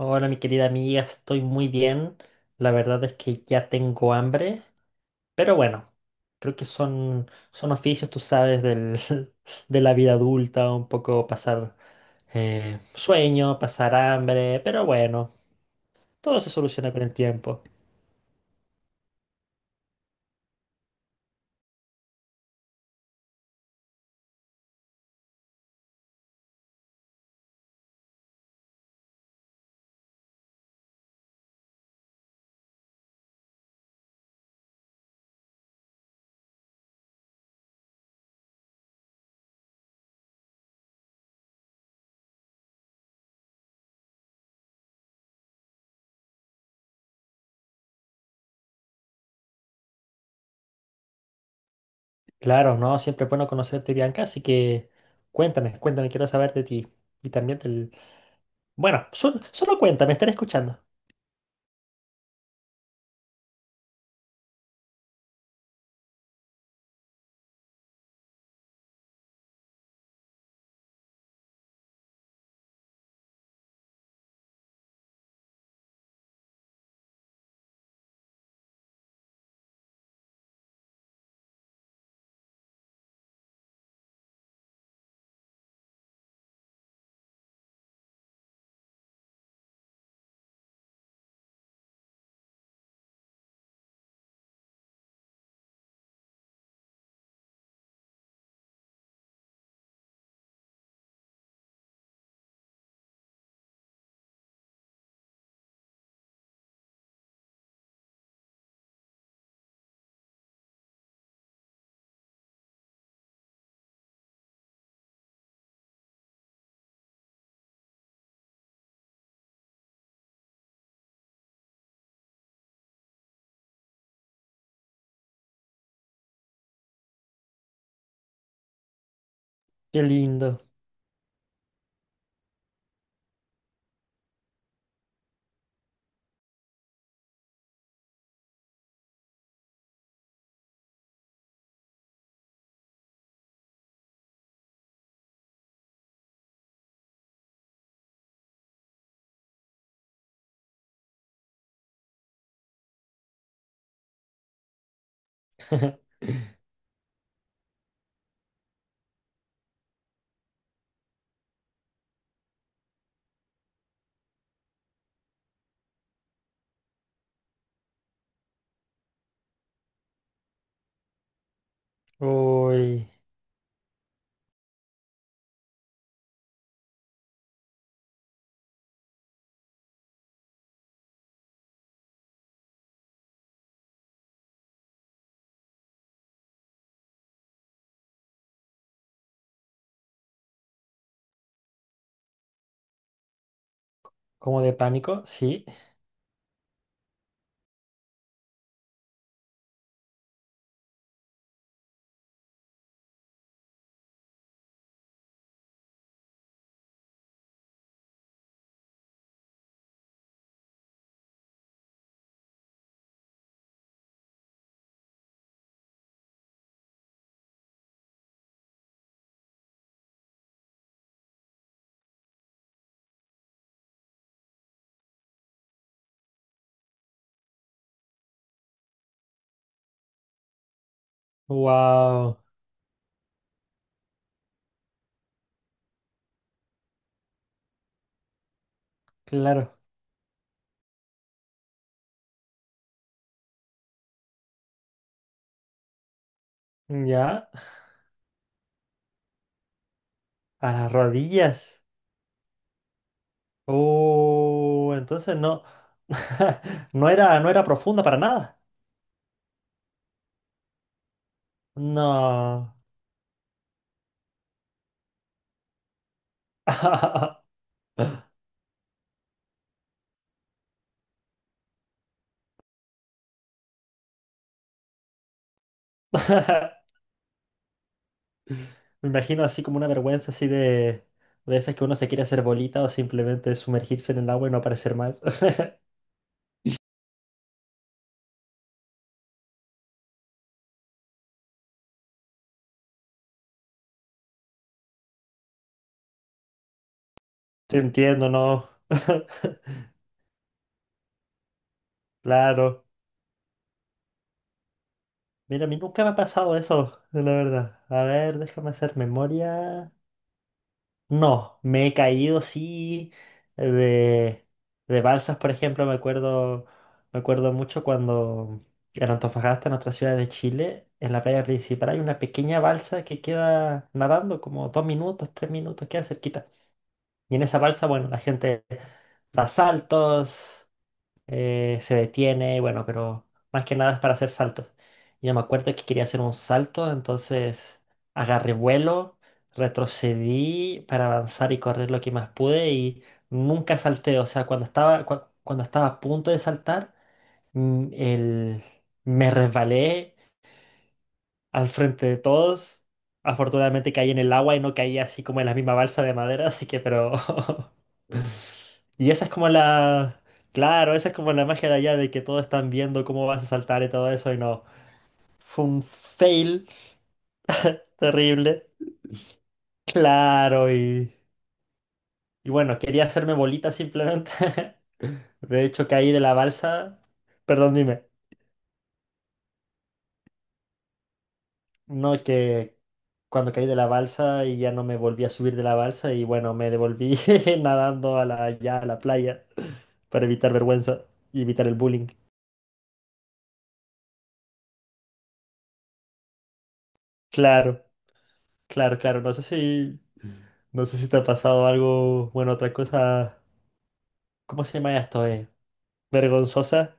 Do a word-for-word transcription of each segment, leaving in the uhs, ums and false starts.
Hola, mi querida amiga, estoy muy bien. La verdad es que ya tengo hambre, pero bueno, creo que son, son oficios, tú sabes, del, de la vida adulta, un poco pasar eh, sueño, pasar hambre, pero bueno, todo se soluciona con el tiempo. Claro, ¿no? Siempre es bueno conocerte, Bianca, así que cuéntame, cuéntame, quiero saber de ti. Y también del... Bueno, sol- solo cuéntame, estaré escuchando. Qué lindo. Uy, como de pánico, sí. Wow, claro, ya, a las rodillas. Oh, entonces no, no era, no era profunda para nada. No. Me imagino así como una vergüenza así de, de esas que uno se quiere hacer bolita o simplemente sumergirse en el agua y no aparecer más. Te entiendo, ¿no? Claro. Mira, a mí nunca me ha pasado eso, la verdad. A ver, déjame hacer memoria. No, me he caído sí de, de balsas, por ejemplo, me acuerdo, me acuerdo mucho cuando en Antofagasta, en nuestra ciudad de Chile, en la playa principal hay una pequeña balsa que queda nadando como dos minutos, tres minutos, queda cerquita. Y en esa balsa, bueno, la gente da saltos, eh, se detiene, bueno, pero más que nada es para hacer saltos. Y yo me acuerdo que quería hacer un salto, entonces agarré vuelo, retrocedí para avanzar y correr lo que más pude y nunca salté. O sea, cuando estaba, cua- cuando estaba a punto de saltar, mm, el- me resbalé al frente de todos. Afortunadamente caí en el agua y no caí así como en la misma balsa de madera, así que pero y esa es como la... Claro, esa es como la magia de allá de que todos están viendo cómo vas a saltar y todo eso y no. Fue un fail terrible. Claro, y... Y bueno, quería hacerme bolita simplemente. De hecho, caí de la balsa. Perdón, dime. No, que cuando caí de la balsa y ya no me volví a subir de la balsa y bueno, me devolví nadando a la, ya a la playa para evitar vergüenza y evitar el bullying. Claro, claro, claro. No sé si... No sé si te ha pasado algo, bueno, otra cosa, ¿cómo se llama esto, eh? Vergonzosa.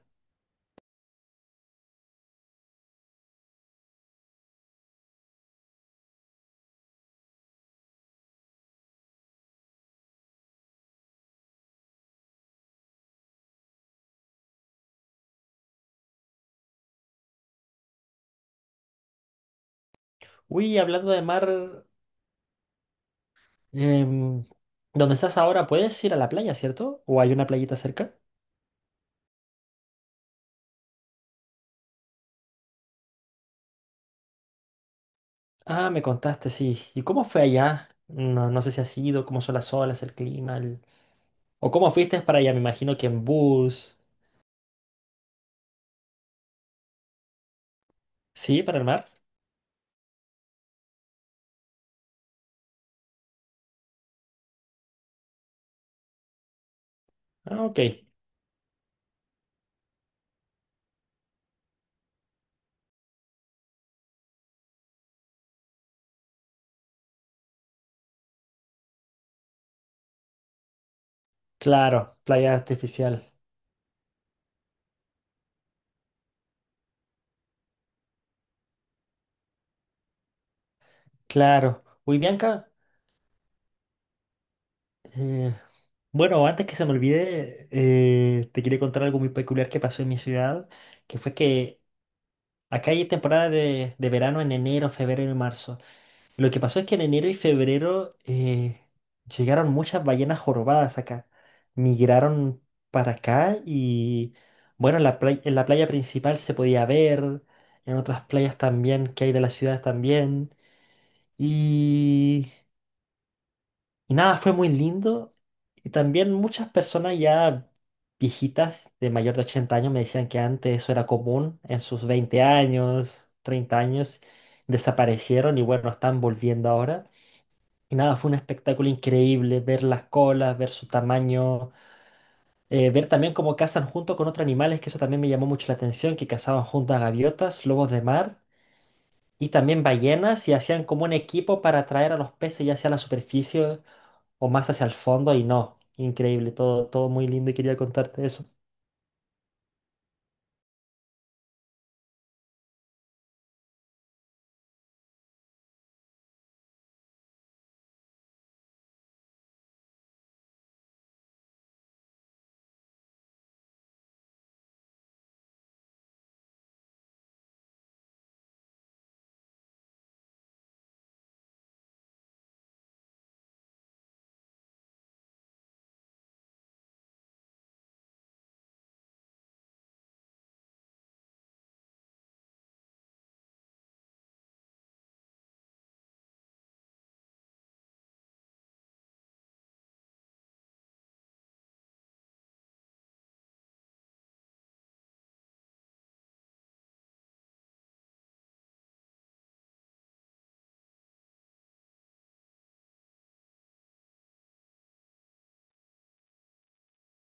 Uy, hablando de mar, em, ¿dónde estás ahora? ¿Puedes ir a la playa, cierto? ¿O hay una playita cerca? Ah, me contaste, sí. ¿Y cómo fue allá? No, no sé si has ido, cómo son las olas, el clima, el- o cómo fuiste para allá, me imagino que en bus. ¿Sí? ¿Para el mar? Ah, ok. Claro, playa artificial. Claro. Uy, Bianca. eh, Bueno, antes que se me olvide, eh, te quería contar algo muy peculiar que pasó en mi ciudad, que fue que acá hay temporada de, de verano en enero, febrero y marzo. Lo que pasó es que en enero y febrero eh, llegaron muchas ballenas jorobadas acá. Migraron para acá y, bueno, en la play- en la playa principal se podía ver, en otras playas también que hay de la ciudad también. Y nada, fue muy lindo. Y también muchas personas ya viejitas de mayor de ochenta años me decían que antes eso era común en sus veinte años, treinta años, desaparecieron y bueno, están volviendo ahora. Y nada, fue un espectáculo increíble ver las colas, ver su tamaño, eh, ver también cómo cazan junto con otros animales, que eso también me llamó mucho la atención, que cazaban junto a gaviotas, lobos de mar y también ballenas y hacían como un equipo para atraer a los peces ya hacia la superficie o más hacia el fondo y no. Increíble, todo, todo muy lindo y quería contarte eso.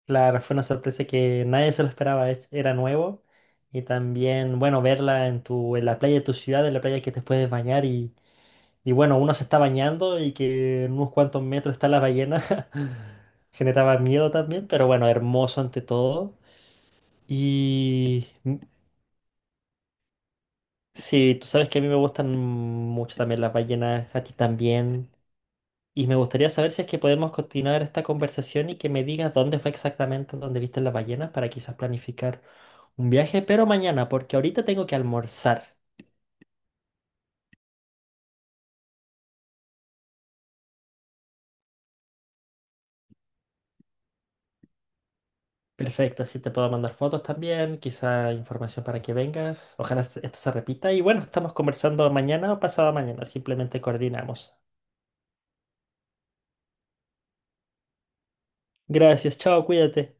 Claro, fue una sorpresa que nadie se lo esperaba, es- era nuevo. Y también, bueno, verla en tu, en la playa de tu ciudad, en la playa que te puedes bañar y, y bueno, uno se está bañando y que en unos cuantos metros está la ballena. Generaba miedo también, pero bueno, hermoso ante todo. Y mm, sí, tú sabes que a mí me gustan mucho también las ballenas, a ti también. Y me gustaría saber si es que podemos continuar esta conversación y que me digas dónde fue exactamente donde viste la ballena para quizás planificar un viaje, pero mañana, porque ahorita tengo que almorzar. Perfecto, así te puedo mandar fotos también, quizá información para que vengas. Ojalá est- esto se repita. Y bueno, estamos conversando mañana o pasado mañana, simplemente coordinamos. Gracias, chao, cuídate.